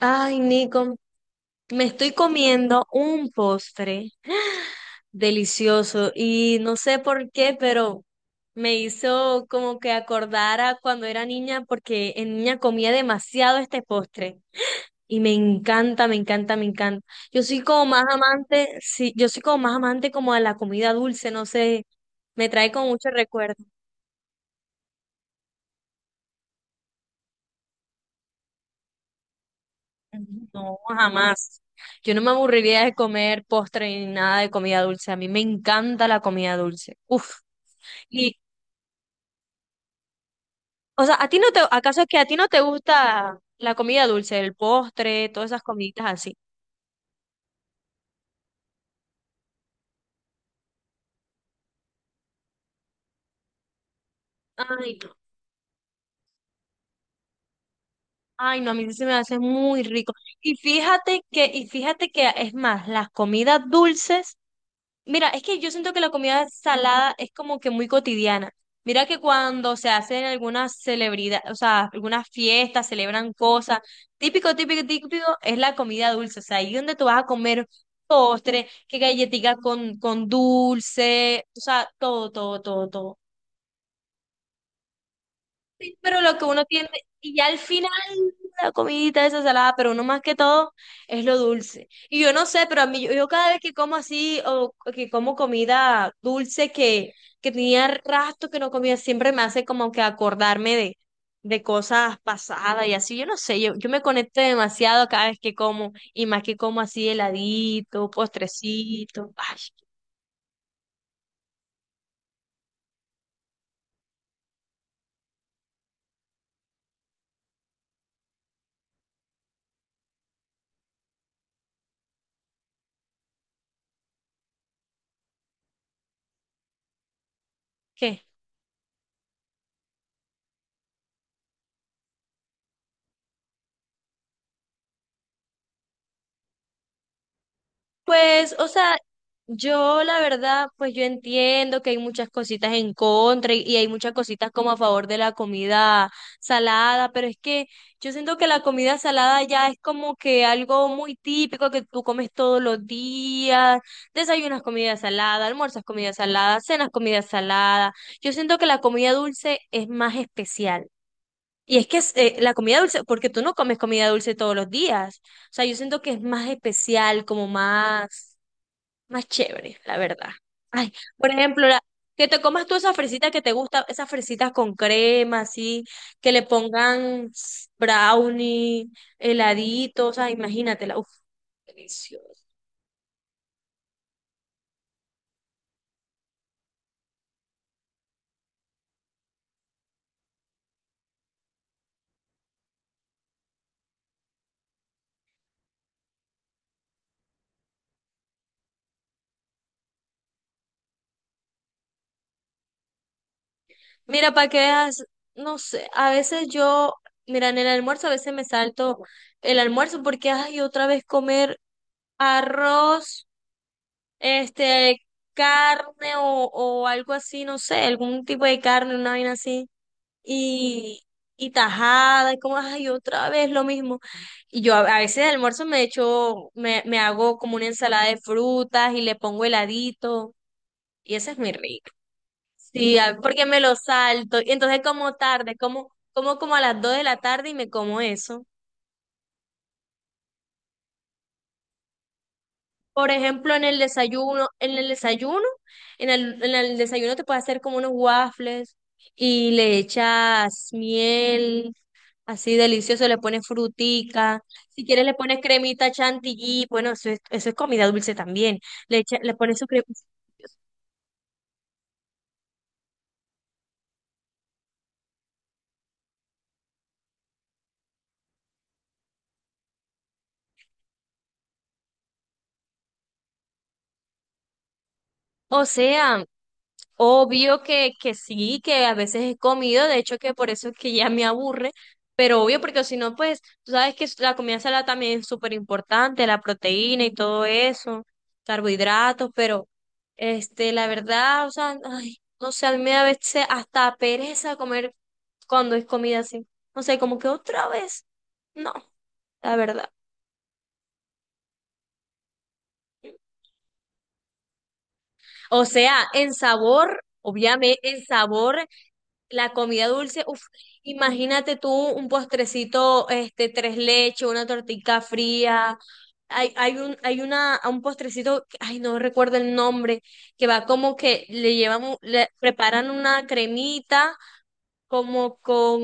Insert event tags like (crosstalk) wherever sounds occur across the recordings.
Ay, Nico, me estoy comiendo un postre delicioso y no sé por qué, pero me hizo como que acordara cuando era niña, porque en niña comía demasiado este postre y me encanta, me encanta, me encanta. Yo soy como más amante, sí, yo soy como más amante como a la comida dulce, no sé, me trae como mucho recuerdo. No, jamás. Yo no me aburriría de comer postre ni nada de comida dulce. A mí me encanta la comida dulce. Uf. Y, o sea, ¿a ti no te, acaso es que a ti no te gusta la comida dulce, el postre, todas esas comiditas así? Ay, no. Ay, no, a mí sí me hace muy rico. Y fíjate que es más, las comidas dulces. Mira, es que yo siento que la comida salada es como que muy cotidiana. Mira que cuando se hacen algunas celebridades, o sea, algunas fiestas, celebran cosas, típico, típico, típico es la comida dulce. O sea, ahí donde tú vas a comer postre, que galletica con dulce, o sea, todo, todo, todo, todo. Sí, pero lo que uno tiene, y ya al final, la comidita esa salada, pero uno más que todo es lo dulce. Y yo no sé, pero a mí, yo cada vez que como así, o que como comida dulce que tenía rastro que no comía, siempre me hace como que acordarme de cosas pasadas y así. Yo no sé, yo me conecto demasiado cada vez que como, y más que como así heladito, postrecito. Ay, ¿qué? Pues, o sea, yo la verdad, pues yo entiendo que hay muchas cositas en contra y hay muchas cositas como a favor de la comida salada, pero es que yo siento que la comida salada ya es como que algo muy típico que tú comes todos los días, desayunas comida salada, almuerzas comida salada, cenas comida salada. Yo siento que la comida dulce es más especial. Y es que es, la comida dulce, porque tú no comes comida dulce todos los días. O sea, yo siento que es más especial, como más chévere, la verdad. Ay, por ejemplo, que te comas tú esa fresita que te gusta, esas fresitas con crema, así, que le pongan brownie, heladitos, o sea, imagínatela. Uf, delicioso. Mira, para que veas, no sé, a veces yo, mira, en el almuerzo a veces me salto el almuerzo porque, ay, otra vez comer arroz, este, carne o algo así, no sé, algún tipo de carne, una vaina así. y, y tajada, y como, ay, otra vez lo mismo. Y yo a veces de almuerzo me hago como una ensalada de frutas y le pongo heladito, y esa es muy rica. Sí, porque me lo salto, y entonces como tarde, como a las 2 de la tarde y me como eso. Por ejemplo, en el desayuno, en el desayuno te puedes hacer como unos waffles y le echas miel. Así delicioso, le pones frutica, si quieres le pones cremita chantilly, bueno, eso es comida dulce también, le pones su crema, o sea. Obvio que sí, que a veces he comido, de hecho que por eso es que ya me aburre, pero obvio porque si no, pues tú sabes que la comida salada también es súper importante, la proteína y todo eso, carbohidratos, pero la verdad, o sea, ay, no sé, a mí me da a veces hasta pereza comer cuando es comida así, no sé, como que otra vez, no, la verdad. O sea, en sabor, obviamente, en sabor. La comida dulce, uf, imagínate tú un postrecito, tres leches, una tortita fría. Hay un postrecito, ay, no recuerdo el nombre, que va como que le llevan, le preparan una cremita, como con,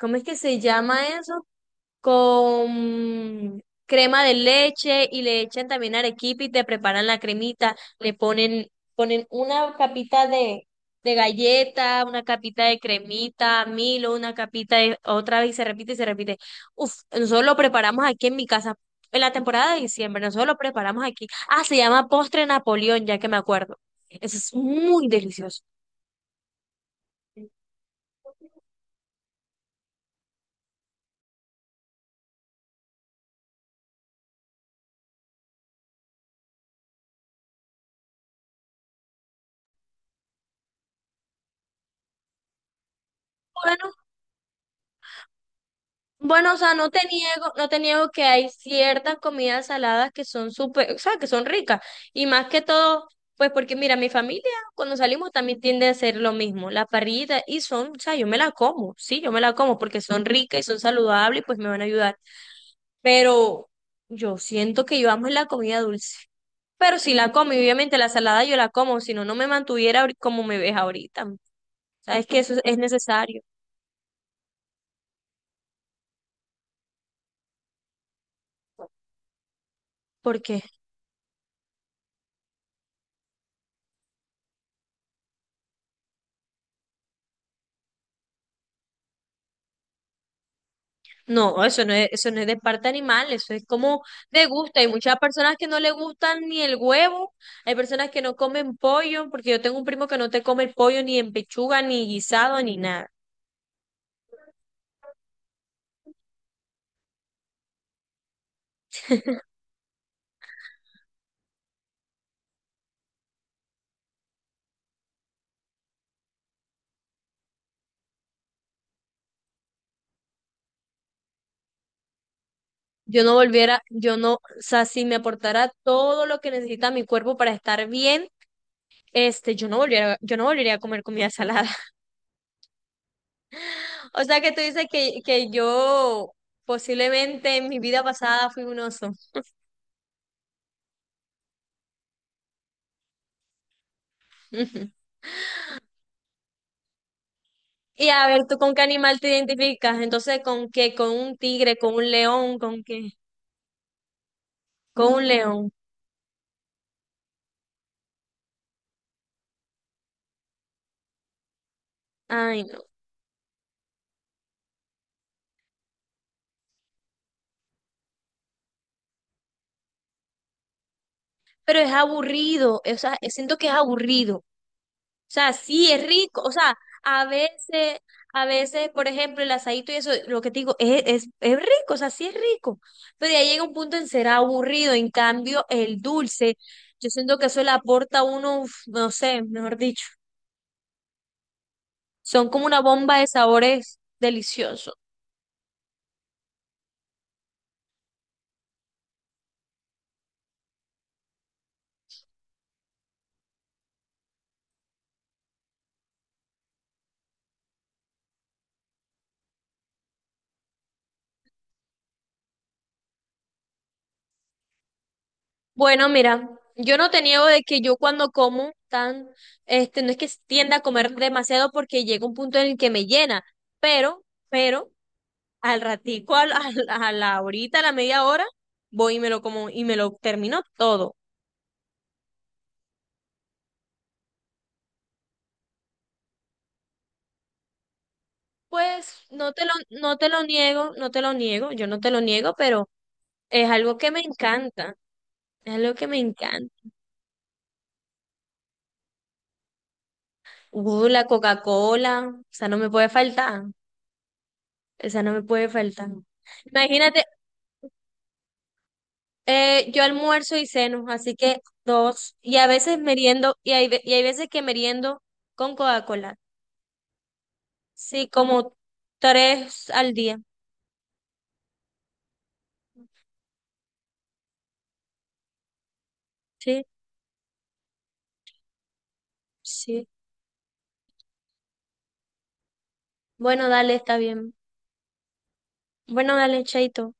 ¿cómo es que se llama eso? Con crema de leche y le echan también arequipe y te preparan la cremita, ponen una capita de galleta, una capita de cremita, Milo, una capita de otra vez y se repite y se repite. Uf, nosotros lo preparamos aquí en mi casa. En la temporada de diciembre, nosotros lo preparamos aquí. Ah, se llama postre Napoleón, ya que me acuerdo. Eso es muy delicioso. Bueno, Bueno, o sea, no te niego, no te niego que hay ciertas comidas saladas que son súper, o sea, que son ricas. Y más que todo, pues porque mira, mi familia cuando salimos también tiende a hacer lo mismo, la parrillita, y son, o sea, yo me la como, sí, yo me la como porque son ricas y son saludables y pues me van a ayudar. Pero yo siento que yo amo la comida dulce. Pero si la como, y obviamente la salada yo la como, si no, no me mantuviera como me ves ahorita. Sabes que eso es necesario. Porque no, eso no es de parte animal, eso es como de gusto. Hay muchas personas que no le gustan ni el huevo, hay personas que no comen pollo, porque yo tengo un primo que no te come el pollo ni en pechuga, ni guisado, ni nada. Yo no volviera, yo no, o sea, si me aportara todo lo que necesita mi cuerpo para estar bien, yo no volviera, yo no volvería a comer comida salada. (laughs) O sea que tú dices que yo posiblemente en mi vida pasada fui un oso. (laughs) Y a ver, ¿tú con qué animal te identificas? Entonces, ¿con qué? ¿Con un tigre? ¿Con un león? ¿Con qué? Con un león. Ay, no. Pero es aburrido, o sea, siento que es aburrido. O sea, sí, es rico. O sea, a veces, a veces, por ejemplo, el asadito y eso, lo que te digo, es rico, o sea, sí es rico. Pero ya llega un punto en ser aburrido. En cambio, el dulce, yo siento que eso le aporta a uno, uf, no sé, mejor dicho, son como una bomba de sabores deliciosos. Bueno, mira, yo no te niego de que yo cuando como tan, no es que tienda a comer demasiado porque llega un punto en el que me llena, pero, pero, al ratico, a la horita, a la media hora, voy y me lo como y me lo termino todo. Pues no te lo niego, no te lo niego, yo no te lo niego, pero es algo que me encanta, es algo que me encanta. La Coca-Cola, esa no me puede faltar, esa no me puede faltar. Imagínate. Yo almuerzo y ceno, así que dos. Y a veces meriendo, y hay veces que meriendo con Coca-Cola. Sí, como tres al día. Sí, sí. Bueno, dale, está bien. Bueno, dale, chaito.